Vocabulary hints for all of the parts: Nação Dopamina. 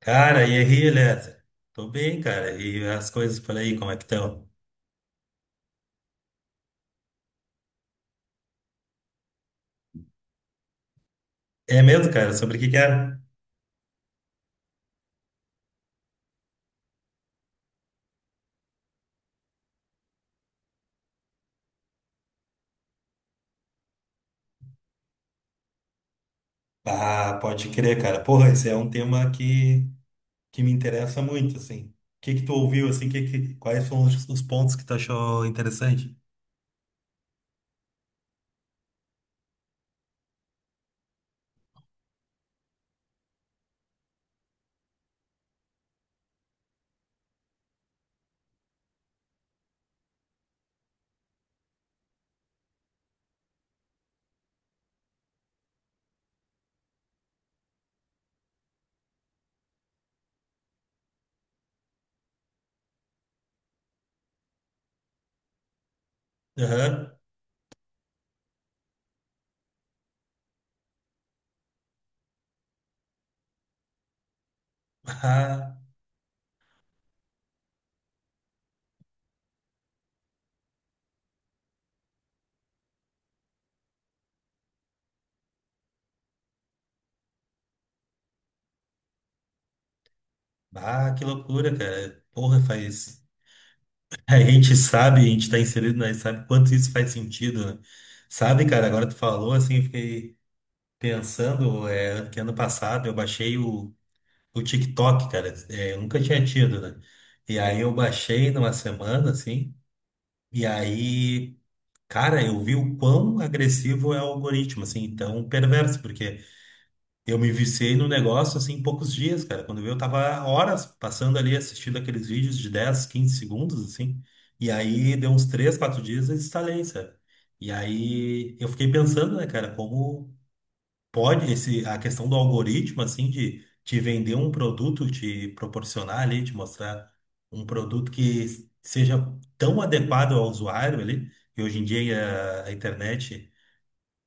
Cara, e aí, Eliezer? Tô bem, cara. E as coisas por aí, como é que estão? É mesmo, cara? Sobre o que que era? Ah, pode crer, cara. Porra, esse é um tema que me interessa muito, assim. O que que tu ouviu, assim? Quais foram os pontos que tu achou interessante? Aham. Ah, ah, que loucura, cara. Porra, faz. A gente sabe, a gente tá inserido, né? Sabe quanto isso faz sentido, né? Sabe, cara, agora tu falou, assim, eu fiquei pensando, é, que ano passado eu baixei o TikTok, cara, é, eu nunca tinha tido, né? E aí eu baixei numa semana, assim, e aí, cara, eu vi o quão agressivo é o algoritmo, assim, então perverso, porque eu me viciei no negócio, assim, em poucos dias, cara. Quando eu vi, eu tava horas passando ali assistindo aqueles vídeos de 10, 15 segundos, assim, e aí deu uns 3, 4 dias e instalei, sabe? E aí eu fiquei pensando, né, cara, como pode esse a questão do algoritmo assim de te vender um produto, te proporcionar ali, te mostrar um produto que seja tão adequado ao usuário ali. E hoje em dia a internet,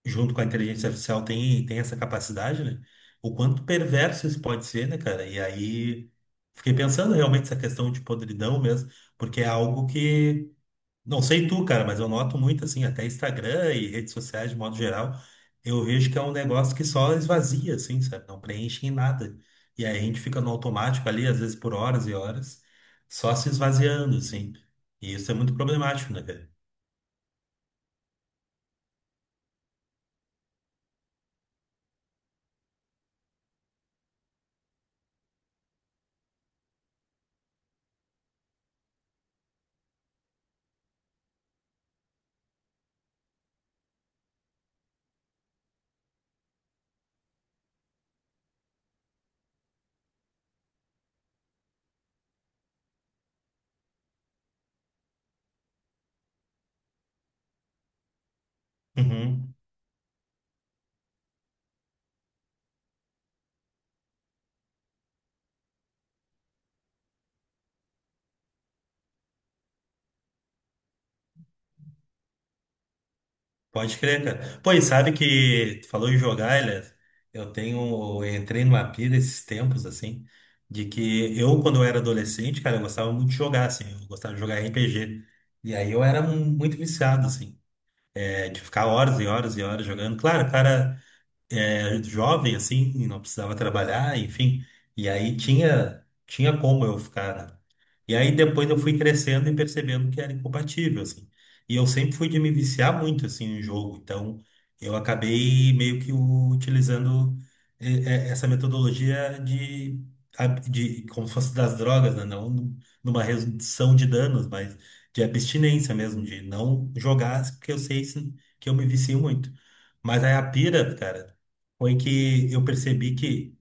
junto com a inteligência artificial, tem essa capacidade, né? O quanto perverso isso pode ser, né, cara? E aí fiquei pensando realmente essa questão de podridão mesmo, porque é algo que não sei tu, cara, mas eu noto muito, assim, até Instagram e redes sociais de modo geral, eu vejo que é um negócio que só esvazia, assim, sabe? Não preenche em nada. E aí a gente fica no automático ali, às vezes por horas e horas, só se esvaziando, assim. E isso é muito problemático, né, cara? Uhum. Pode crer, cara. Pô, e sabe que tu falou em jogar, Elias? Eu entrei numa pira esses tempos, assim, de que eu, quando eu era adolescente, cara, eu gostava muito de jogar, assim, eu gostava de jogar RPG. E aí eu era muito viciado, assim, é, de ficar horas e horas e horas jogando. Claro, cara é, jovem, assim, e não precisava trabalhar, enfim. E aí tinha como eu ficar, né? E aí depois eu fui crescendo e percebendo que era incompatível, assim. E eu sempre fui de me viciar muito, assim, em jogo. Então, eu acabei meio que utilizando eh, essa metodologia de como se fosse das drogas, né? Não numa redução de danos, mas de abstinência mesmo, de não jogar, porque eu sei que eu me vicio muito. Mas aí a pira, cara, foi que eu percebi que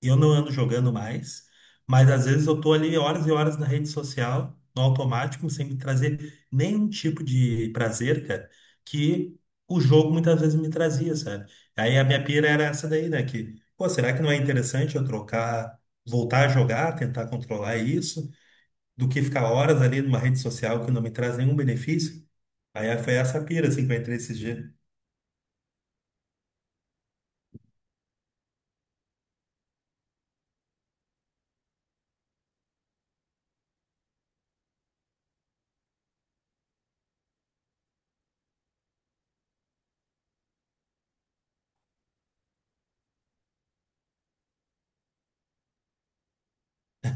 eu não ando jogando mais, mas às vezes eu tô ali horas e horas na rede social, no automático, sem me trazer nenhum tipo de prazer, cara, que o jogo muitas vezes me trazia, sabe? Aí a minha pira era essa daí, né? Que, pô, será que não é interessante eu trocar, voltar a jogar, tentar controlar isso, do que ficar horas ali numa rede social que não me traz nenhum benefício? Aí foi essa pira, assim, que eu entrei esses dias.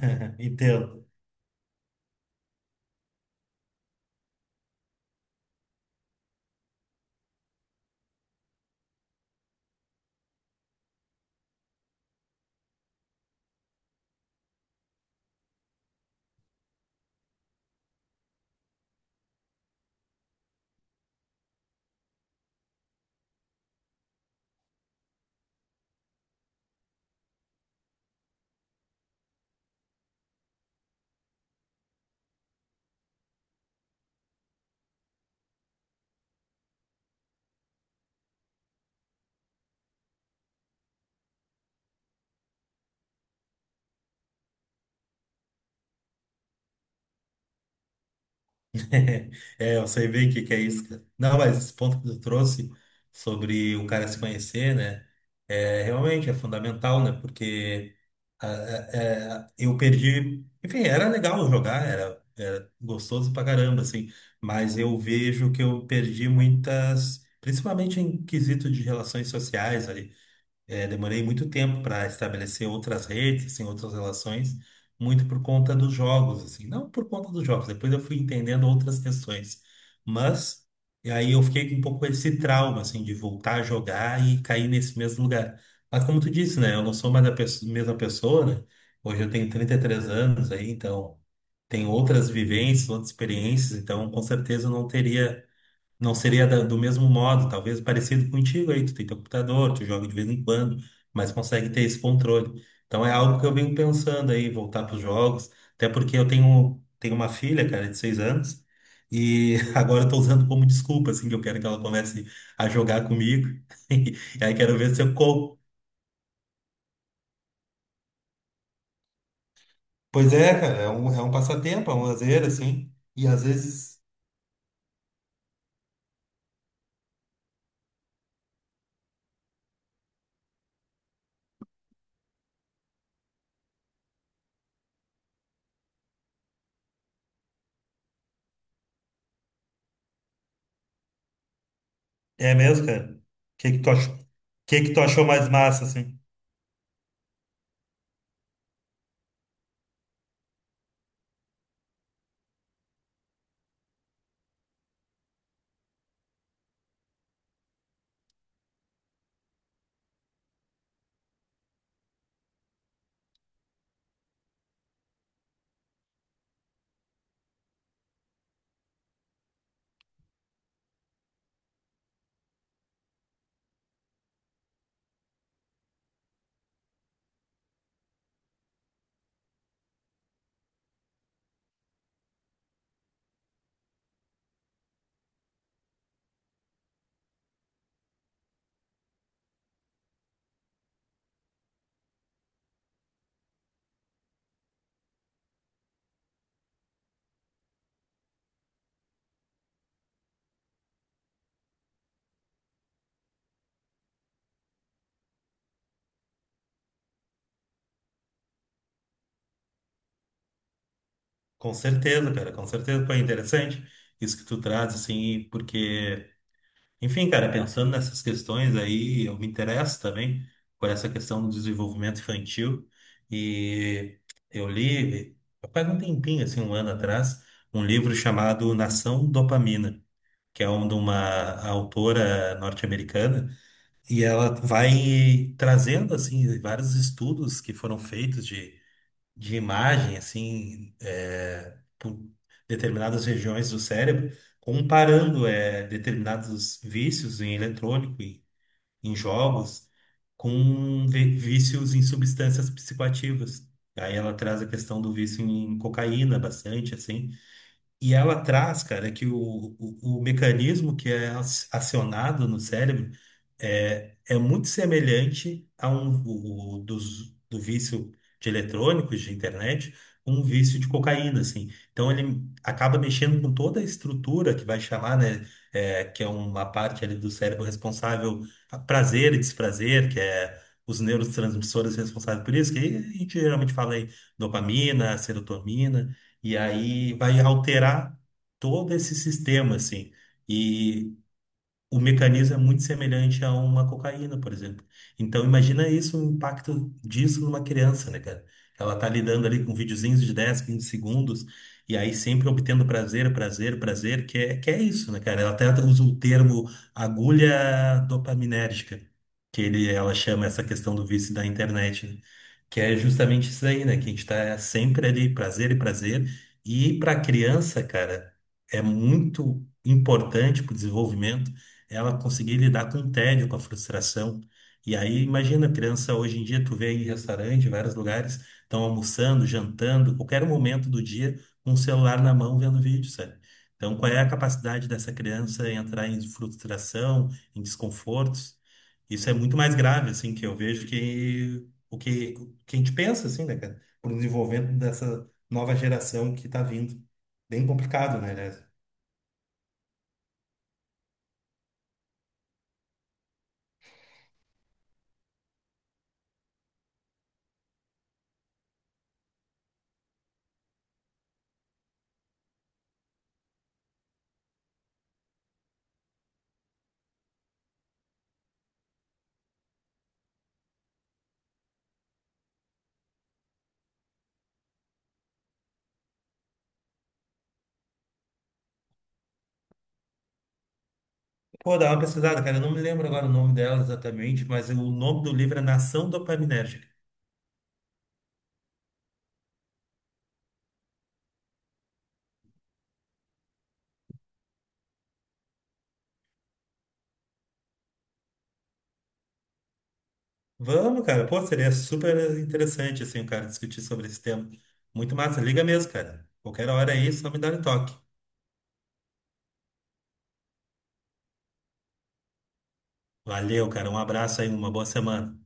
Né? Entendo. É, eu sei bem o que que é isso, cara. Não, mas esse ponto que tu trouxe sobre o cara se conhecer, né? É, realmente é fundamental, né? Porque eu perdi. Enfim, era legal jogar, era gostoso pra caramba, assim. Mas eu vejo que eu perdi muitas. Principalmente em quesito de relações sociais é, demorei muito tempo para estabelecer outras redes, assim, outras relações, muito por conta dos jogos, assim, não por conta dos jogos. Depois eu fui entendendo outras questões, mas e aí eu fiquei com um pouco esse trauma, assim, de voltar a jogar e cair nesse mesmo lugar. Mas como tu disse, né, eu não sou mais a mesma pessoa, né? Hoje eu tenho 33 anos aí, então tenho outras vivências, outras experiências, então com certeza eu não seria do mesmo modo, talvez parecido contigo aí, tu tem teu computador, tu joga de vez em quando, mas consegue ter esse controle. Então é algo que eu venho pensando aí, voltar para os jogos, até porque eu tenho uma filha, cara, de 6 anos, e agora eu tô usando como desculpa, assim, que eu quero que ela comece a jogar comigo, e aí quero ver se eu Pois é, cara, é um passatempo, é um lazer, assim, e às vezes. É mesmo, cara? O que que tu achou mais massa, assim? Com certeza, cara, com certeza. Foi interessante isso que tu traz, assim, porque, enfim, cara, pensando nessas questões aí, eu me interesso também por essa questão do desenvolvimento infantil. E eu li, faz um tempinho, assim, um ano atrás, um livro chamado Nação Dopamina, que é de uma autora norte-americana, e ela vai trazendo, assim, vários estudos que foram feitos de imagem, assim, é, por determinadas regiões do cérebro, comparando é, determinados vícios em eletrônico, e em jogos, com vícios em substâncias psicoativas. Aí ela traz a questão do vício em cocaína bastante, assim, e ela traz, cara, que o mecanismo que é acionado no cérebro é muito semelhante a um o- dos, do vício de eletrônicos, de internet, um vício de cocaína, assim. Então ele acaba mexendo com toda a estrutura que vai chamar, né, é, que é uma parte ali do cérebro responsável a prazer e desprazer, que é os neurotransmissores responsáveis por isso, que a gente geralmente fala aí dopamina, serotonina. E aí vai alterar todo esse sistema, assim. E o mecanismo é muito semelhante a uma cocaína, por exemplo. Então, imagina isso, o impacto disso numa criança, né, cara? Ela tá lidando ali com videozinhos de 10, 15 segundos, e aí sempre obtendo prazer, prazer, prazer, que é isso, né, cara? Ela até usa o termo agulha dopaminérgica, que ela chama essa questão do vício da internet, né? Que é justamente isso aí, né? Que a gente tá sempre ali, prazer e prazer. E pra criança, cara, é muito importante para o desenvolvimento ela conseguir lidar com o tédio, com a frustração. E aí, imagina, criança, hoje em dia tu vê em restaurante, em vários lugares, estão almoçando, jantando, qualquer momento do dia, com o celular na mão vendo vídeo, sabe? Então, qual é a capacidade dessa criança em entrar em frustração, em desconfortos? Isso é muito mais grave, assim, que eu vejo que a gente pensa, assim, né, cara? Por um desenvolvimento dessa nova geração que tá vindo. Bem complicado, né, aliás? Pô, dá uma pesquisada, cara. Eu não me lembro agora o nome dela exatamente, mas o nome do livro é Nação Dopaminérgica. Vamos, cara. Pô, seria super interessante, assim, o cara discutir sobre esse tema. Muito massa. Liga mesmo, cara. Qualquer hora aí, só me dá um toque. Valeu, cara. Um abraço aí, uma boa semana.